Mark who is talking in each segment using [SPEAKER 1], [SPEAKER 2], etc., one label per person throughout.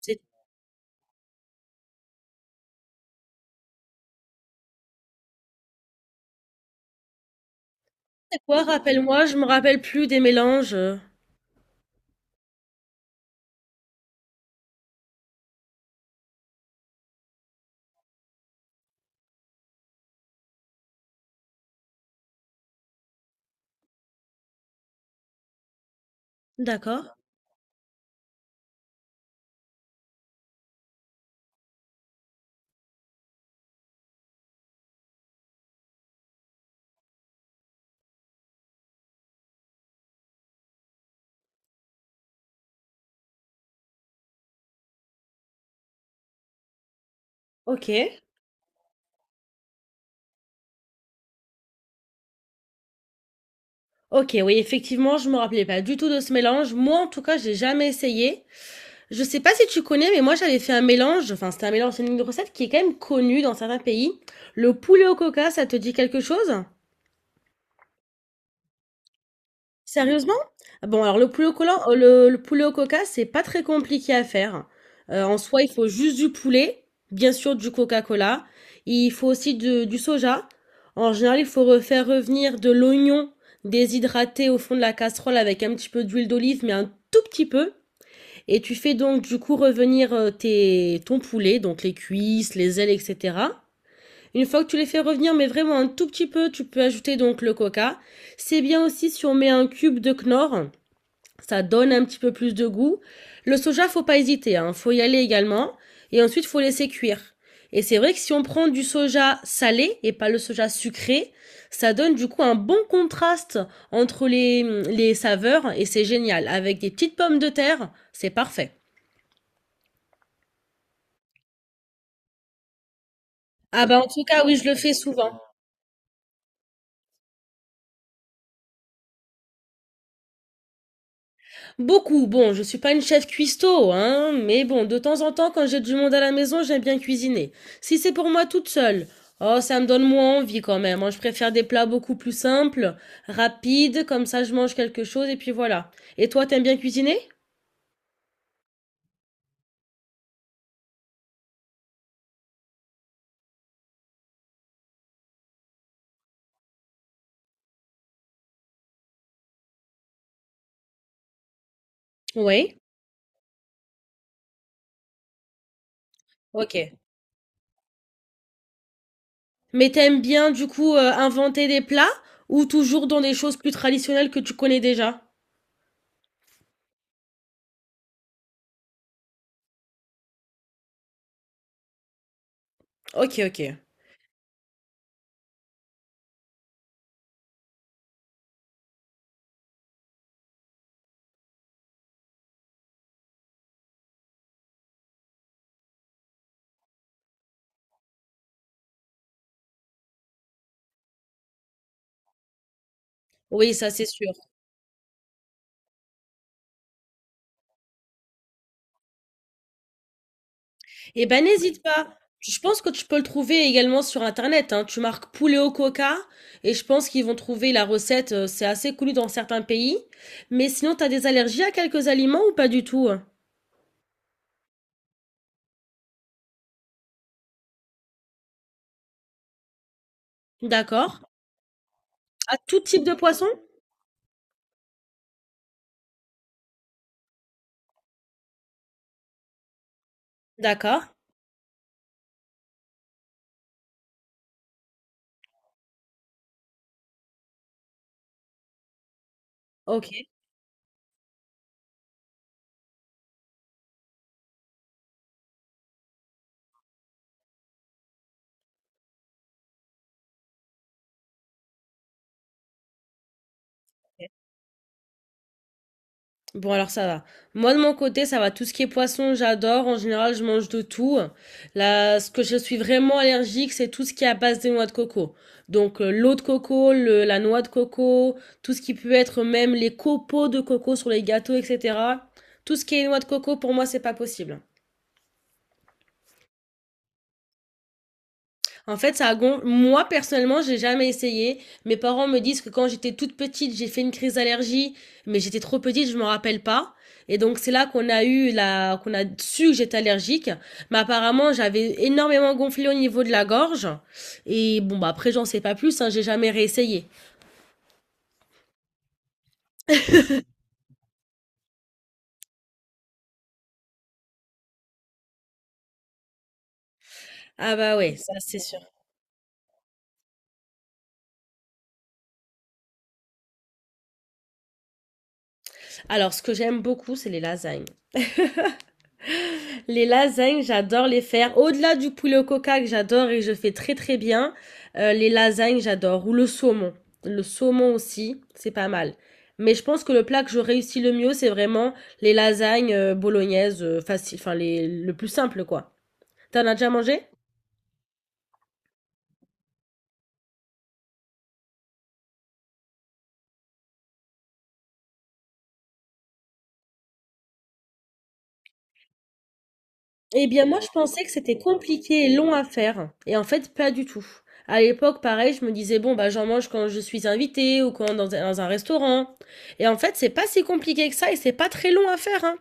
[SPEAKER 1] C'était quoi? Rappelle-moi, je me rappelle plus des mélanges. D'accord. OK. OK, oui, effectivement, je me rappelais pas du tout de ce mélange. Moi, en tout cas, j'ai jamais essayé. Je sais pas si tu connais, mais moi, j'avais fait un mélange. Enfin, c'était un mélange, c'est une recette qui est quand même connue dans certains pays. Le poulet au coca, ça te dit quelque chose? Sérieusement? Ah bon, alors le poulet au collant le poulet au coca, c'est pas très compliqué à faire. En soi, il faut juste du poulet, bien sûr du Coca-Cola. Il faut aussi de du soja. En général, il faut re faire revenir de l'oignon déshydraté au fond de la casserole avec un petit peu d'huile d'olive, mais un tout petit peu, et tu fais donc du coup revenir, tes ton poulet, donc les cuisses, les ailes et cetera. Une fois que tu les fais revenir, mais vraiment un tout petit peu, tu peux ajouter donc le coca. C'est bien aussi si on met un cube de Knorr, ça donne un petit peu plus de goût. Le soja, faut pas hésiter, hein, faut y aller également. Et ensuite, faut laisser cuire. Et c'est vrai que si on prend du soja salé et pas le soja sucré, ça donne du coup un bon contraste entre les saveurs, et c'est génial. Avec des petites pommes de terre, c'est parfait. Ah bah en tout cas, oui, je le fais souvent. Beaucoup. Bon, je suis pas une chef cuistot, hein, mais bon, de temps en temps, quand j'ai du monde à la maison, j'aime bien cuisiner. Si c'est pour moi toute seule, oh, ça me donne moins envie quand même, hein. Je préfère des plats beaucoup plus simples, rapides, comme ça je mange quelque chose et puis voilà. Et toi, t'aimes bien cuisiner? Oui. Ok. Mais t'aimes bien du coup inventer des plats, ou toujours dans des choses plus traditionnelles que tu connais déjà? Ok, ok. Oui, ça c'est sûr. Eh ben, n'hésite pas. Je pense que tu peux le trouver également sur Internet, hein. Tu marques poulet au coca et je pense qu'ils vont trouver la recette. C'est assez connu dans certains pays. Mais sinon, tu as des allergies à quelques aliments ou pas du tout? D'accord. À tout type de poisson? D'accord. Ok. Bon, alors ça va. Moi, de mon côté, ça va. Tout ce qui est poisson, j'adore. En général, je mange de tout. Là, ce que je suis vraiment allergique, c'est tout ce qui est à base de noix de coco. Donc, l'eau de coco, la noix de coco, tout ce qui peut être même les copeaux de coco sur les gâteaux, etc. Tout ce qui est noix de coco, pour moi, c'est pas possible. En fait, ça a moi personnellement, j'ai jamais essayé. Mes parents me disent que quand j'étais toute petite, j'ai fait une crise d'allergie, mais j'étais trop petite, je m'en rappelle pas. Et donc c'est là qu'on a su que j'étais allergique, mais apparemment j'avais énormément gonflé au niveau de la gorge, et bon bah après j'en sais pas plus, hein, j'ai jamais réessayé. Ah bah ouais, ça c'est sûr. Alors ce que j'aime beaucoup, c'est les lasagnes. Les lasagnes, j'adore les faire. Au-delà du poulet au coca que j'adore et que je fais très très bien, les lasagnes, j'adore. Ou le saumon. Le saumon aussi, c'est pas mal. Mais je pense que le plat que je réussis le mieux, c'est vraiment les lasagnes bolognaises, faciles, enfin le plus simple quoi. T'en as déjà mangé? Eh bien moi, je pensais que c'était compliqué et long à faire. Et en fait, pas du tout. À l'époque, pareil, je me disais, bon, bah, j'en mange quand je suis invitée ou quand dans un restaurant. Et en fait, c'est pas si compliqué que ça et c'est pas très long à faire, hein.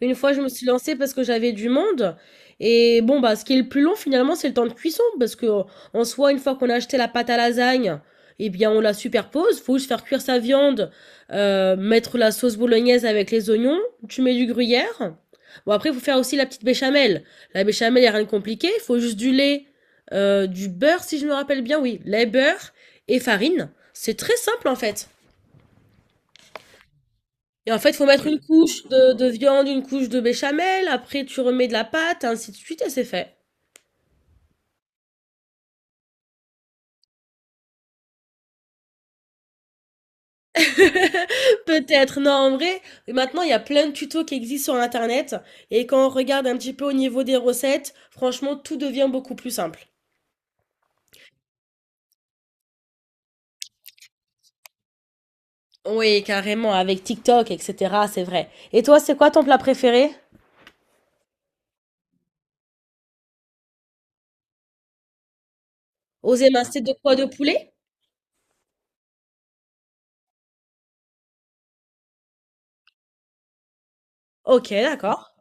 [SPEAKER 1] Une fois, je me suis lancée parce que j'avais du monde. Et bon, bah, ce qui est le plus long, finalement, c'est le temps de cuisson. Parce que, en soi, une fois qu'on a acheté la pâte à lasagne, eh bien, on la superpose. Faut juste faire cuire sa viande, mettre la sauce bolognaise avec les oignons. Tu mets du gruyère. Bon, après, faut faire aussi la petite béchamel. La béchamel, y a rien de compliqué. Faut juste du lait, du beurre, si je me rappelle bien. Oui, lait, beurre et farine. C'est très simple, en fait. Et en fait, faut mettre une couche de viande, une couche de béchamel, après tu remets de la pâte, ainsi de suite, et c'est fait. Peut-être, non, en vrai, maintenant, il y a plein de tutos qui existent sur Internet, et quand on regarde un petit peu au niveau des recettes, franchement, tout devient beaucoup plus simple. Oui, carrément, avec TikTok, etc., c'est vrai. Et toi, c'est quoi ton plat préféré? Aux émincés de quoi? De poulet? Ok, d'accord.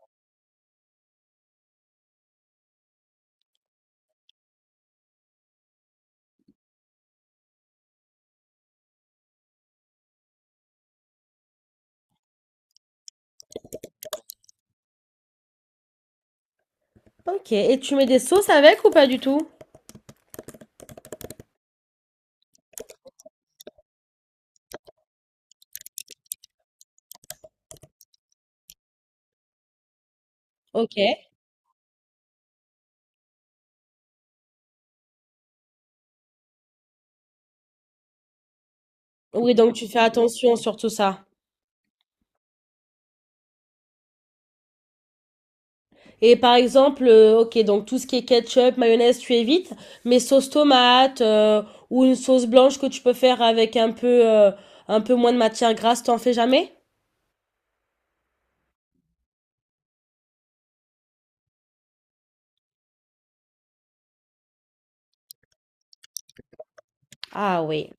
[SPEAKER 1] Ok, et tu mets des sauces avec ou pas du tout? Ok. Oui, donc tu fais attention sur tout ça. Et par exemple, ok, donc tout ce qui est ketchup, mayonnaise, tu évites, mais sauce tomate ou une sauce blanche que tu peux faire avec un peu moins de matière grasse, t'en fais jamais? Ah oui.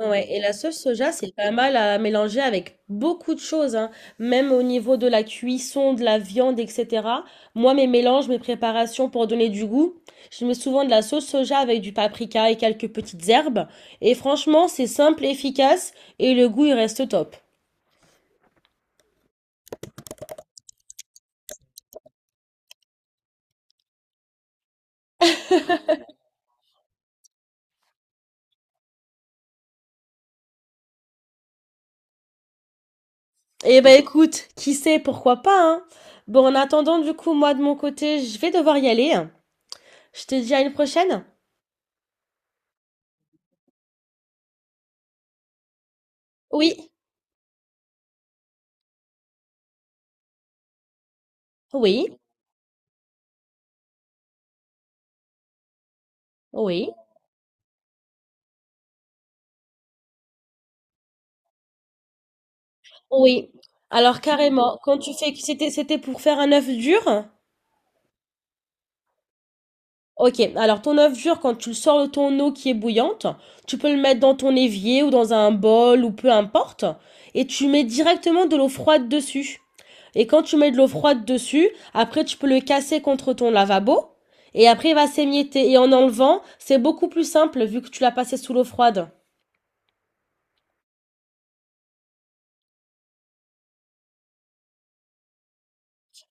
[SPEAKER 1] Ouais, et la sauce soja, c'est pas mal à mélanger avec beaucoup de choses, hein. Même au niveau de la cuisson, de la viande, etc. Moi, mes mélanges, mes préparations pour donner du goût, je mets souvent de la sauce soja avec du paprika et quelques petites herbes. Et franchement, c'est simple, efficace, et le goût, il reste top. Eh ben écoute, qui sait, pourquoi pas, hein? Bon, en attendant, du coup, moi, de mon côté, je vais devoir y aller. Je te dis à une prochaine? Oui, oui, oui, oui. Alors, carrément, quand tu fais, c'était pour faire un œuf dur? Ok, alors ton œuf dur, quand tu le sors de ton eau qui est bouillante, tu peux le mettre dans ton évier ou dans un bol ou peu importe, et tu mets directement de l'eau froide dessus. Et quand tu mets de l'eau froide dessus, après tu peux le casser contre ton lavabo, et après il va s'émietter. Et en enlevant, c'est beaucoup plus simple vu que tu l'as passé sous l'eau froide.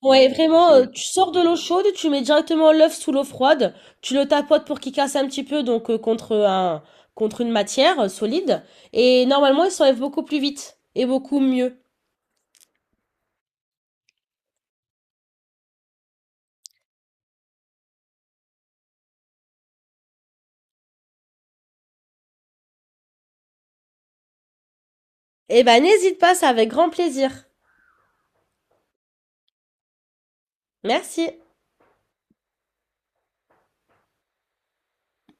[SPEAKER 1] Ouais, vraiment, tu sors de l'eau chaude, tu mets directement l'œuf sous l'eau froide, tu le tapotes pour qu'il casse un petit peu, contre une matière solide, et normalement il s'enlève beaucoup plus vite et beaucoup mieux. Eh ben n'hésite pas, c'est avec grand plaisir. Merci.